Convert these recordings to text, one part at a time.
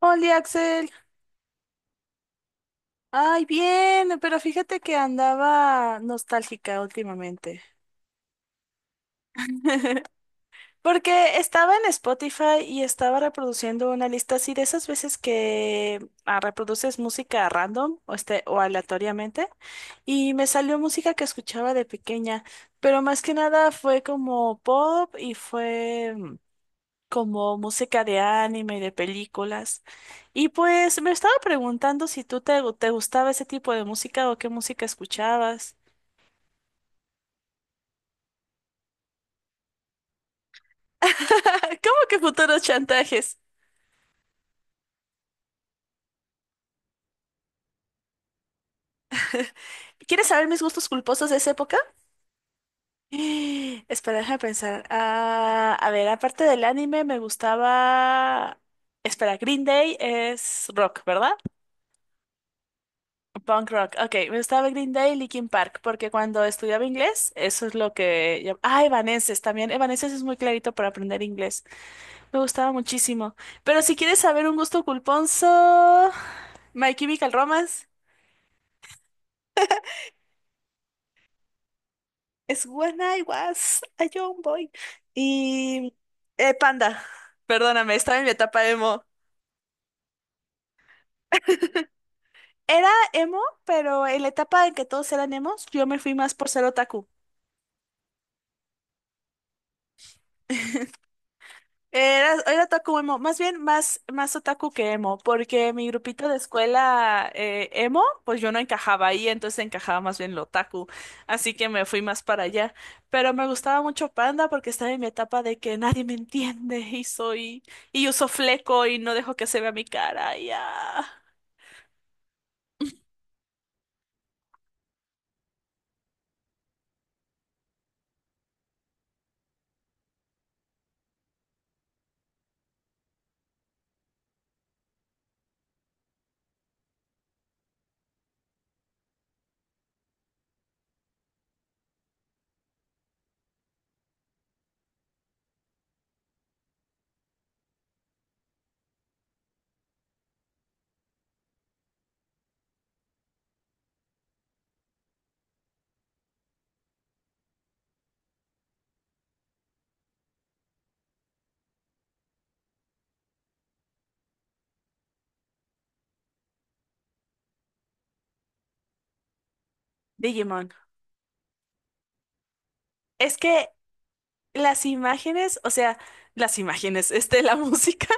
Hola Axel, ay bien, pero fíjate que andaba nostálgica últimamente. Porque estaba en Spotify y estaba reproduciendo una lista así de esas veces que reproduces música random o, o aleatoriamente y me salió música que escuchaba de pequeña, pero más que nada fue como pop y fue como música de anime y de películas. Y pues me estaba preguntando si tú te gustaba ese tipo de música o qué música escuchabas. ¿Cómo que futuros chantajes? ¿Quieres saber mis gustos culposos de esa época? Espera, déjame pensar. Ah, a ver, aparte del anime me gustaba... Espera, Green Day es rock, ¿verdad? Punk rock, ok, me gustaba Green Day y Linkin Park, porque cuando estudiaba inglés, eso es lo que... Ah, Evanescence también, Evanescence es muy clarito para aprender inglés, me gustaba muchísimo. Pero si quieres saber un gusto culponzo, My Chemical Romance es When I Was a Young Boy y Panda, perdóname, estaba en mi etapa emo. Era emo, pero en la etapa en que todos eran emos, yo me fui más por ser otaku. Era otaku emo, más bien más otaku que emo, porque mi grupito de escuela emo, pues yo no encajaba ahí, entonces encajaba más bien lo otaku, así que me fui más para allá. Pero me gustaba mucho Panda porque estaba en mi etapa de que nadie me entiende y soy, y uso fleco y no dejo que se vea mi cara, Digimon. Es que las imágenes, o sea, las imágenes, la música.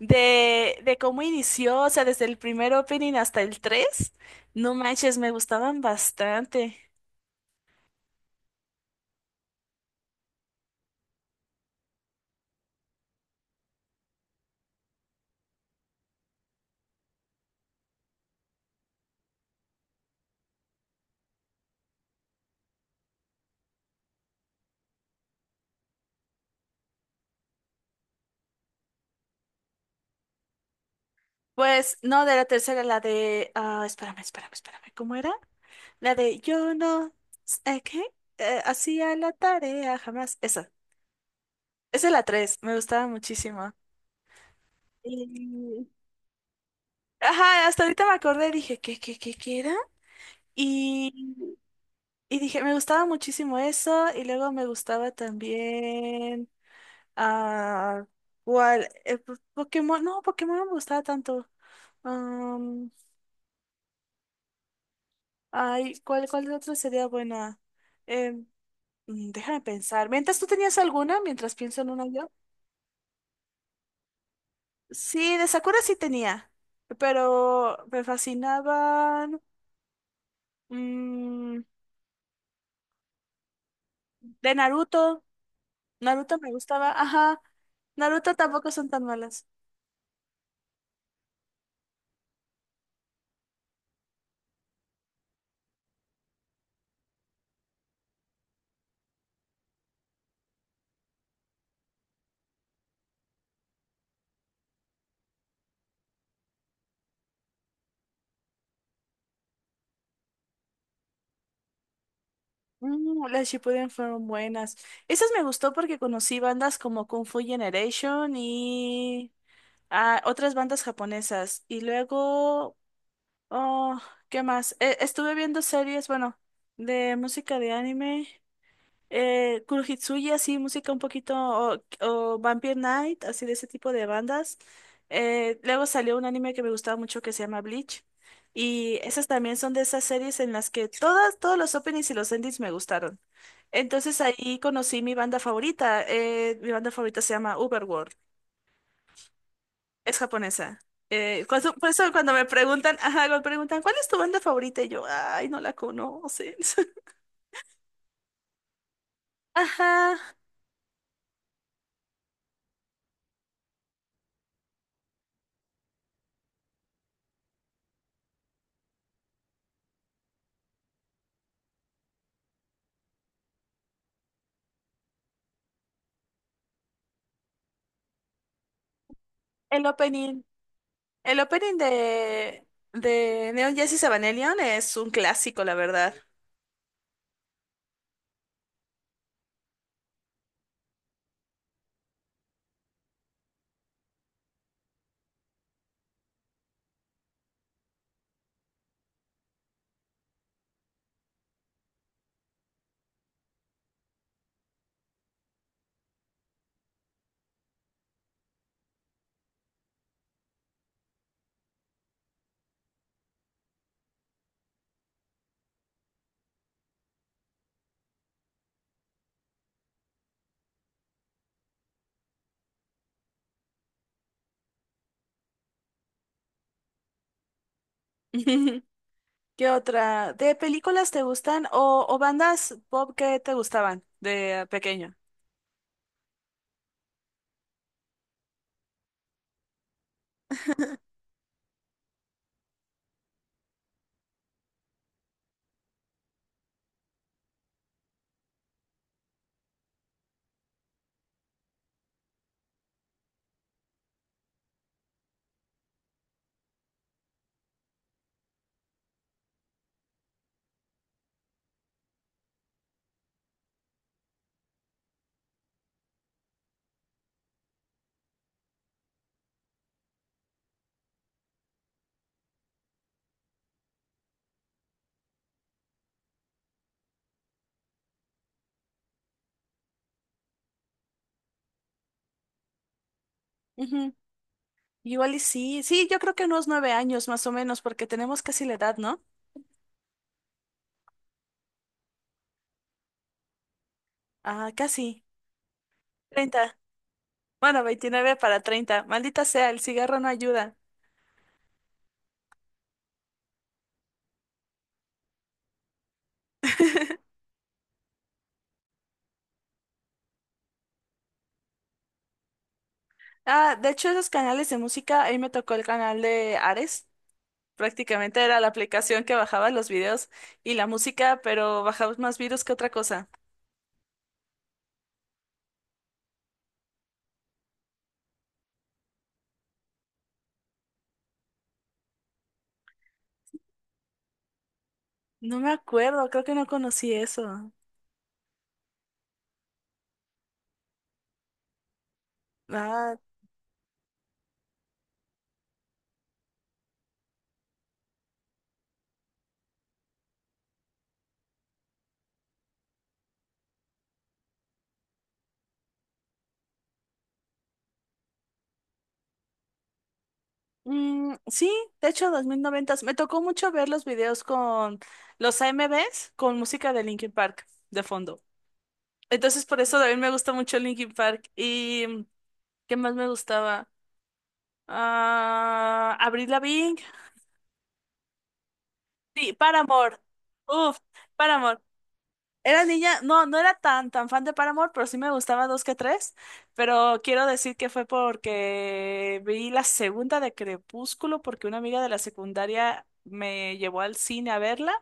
De cómo inició, o sea, desde el primer opening hasta el 3 no manches, me gustaban bastante. Pues no, de la tercera, la de... Ah, espérame, ¿cómo era? La de yo no... ¿Qué? Hacía la tarea, jamás. Esa es la tres, me gustaba muchísimo. Y- Ajá, hasta ahorita me acordé, dije, ¿qué era? Y, y dije, me gustaba muchísimo eso, y luego me gustaba también... Ah, ¿cuál? Pokémon no me gustaba tanto. Am, ay, ¿cuál otra sería buena? Em, déjame pensar. Mientras tú tenías alguna, mientras pienso en una yo. Sí, de Sakura sí tenía, pero me fascinaban. mm, de Naruto, Naruto me gustaba, ajá. Naruto tampoco son tan malas. Mm, las Shippuden fueron buenas. Esas me gustó porque conocí bandas como Kung Fu Generation y ah, otras bandas japonesas. Y luego, oh, ¿qué más? Estuve viendo series, bueno, de música de anime. Kurohitsuya, así, música un poquito, o Vampire Night, así de ese tipo de bandas. Luego salió un anime que me gustaba mucho que se llama Bleach. Y esas también son de esas series en las que todas, todos los openings y los endings me gustaron. Entonces ahí conocí mi banda favorita. Mi banda favorita se llama Uberworld. Es japonesa. Por eso cuando me preguntan, ajá, me preguntan, ¿cuál es tu banda favorita? Y yo, ay, no la conocen. Ajá, el opening. El opening de Neon Genesis Evangelion es un clásico, la verdad. ¿Qué otra? ¿De películas te gustan o bandas pop que te gustaban de pequeño? Ujú. Igual y sí, sí, yo creo que unos 9 años más o menos, porque tenemos casi la edad, ¿no? Ah, casi. Treinta. Bueno, 29 para 30. Maldita sea, el cigarro no ayuda. Ah, de hecho, esos canales de música, ahí me tocó el canal de Ares. Prácticamente era la aplicación que bajaba los videos y la música, pero bajaba más virus que otra cosa. No me acuerdo, creo que no conocí eso. Ah, sí, de hecho, 2000, 90, me tocó mucho ver los videos con los AMVs con música de Linkin Park de fondo. Entonces, por eso también me gusta mucho Linkin Park. ¿Y qué más me gustaba? Ah, Avril Lavigne. Sí, Paramore. Uf, Paramore. Era niña, no, no era tan fan de Paramore, pero sí me gustaba dos que tres. Pero quiero decir que fue porque vi la segunda de Crepúsculo, porque una amiga de la secundaria me llevó al cine a verla.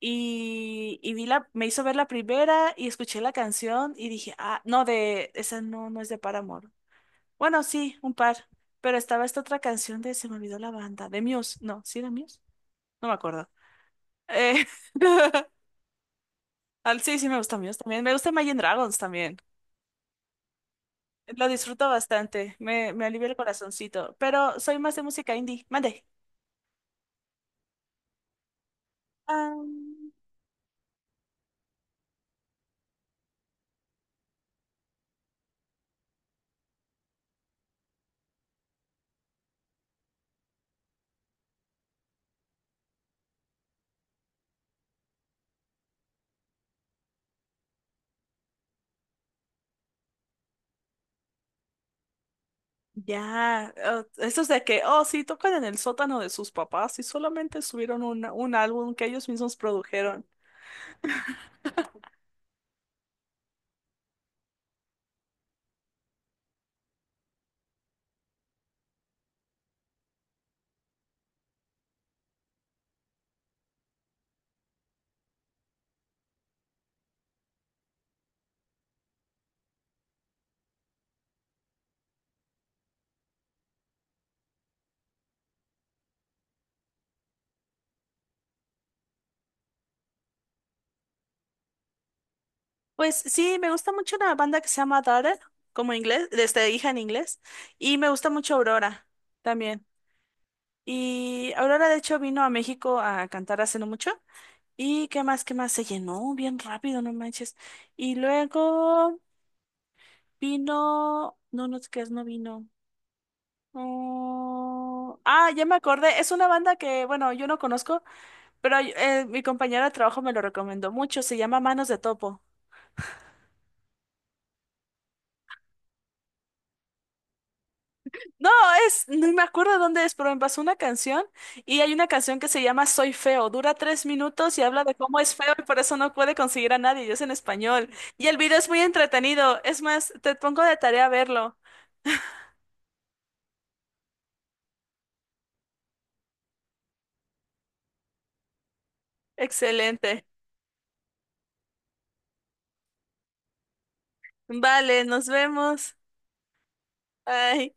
Y vi me hizo ver la primera y escuché la canción y dije, ah, no, esa no, no es de Paramore. Bueno, sí, un par. Pero estaba esta otra canción se me olvidó la banda, de Muse. No, sí era Muse. No me acuerdo. Eh, sí, sí me gustan míos también. Me gusta Imagine Dragons también. Lo disfruto bastante. Me alivia el corazoncito. Pero soy más de música indie. Mande. Ah, ya. Oh, eso es de que, oh, sí, tocan en el sótano de sus papás y solamente subieron un álbum que ellos mismos produjeron. Pues sí, me gusta mucho una banda que se llama Daughter, como inglés, desde hija en inglés. Y me gusta mucho Aurora también. Y Aurora, de hecho, vino a México a cantar hace no mucho. ¿Y qué más? Se llenó bien rápido, no manches. Y luego vino, no, no, ¿qué es? No vino. Oh, ah, ya me acordé. Es una banda que, bueno, yo no conozco, pero mi compañera de trabajo me lo recomendó mucho. Se llama Manos de Topo. No, es, no me acuerdo dónde es, pero me pasó una canción y hay una canción que se llama Soy Feo. Dura 3 minutos y habla de cómo es feo y por eso no puede conseguir a nadie. Y es en español. Y el video es muy entretenido. Es más, te pongo de tarea verlo. Excelente. Vale, nos vemos. Bye.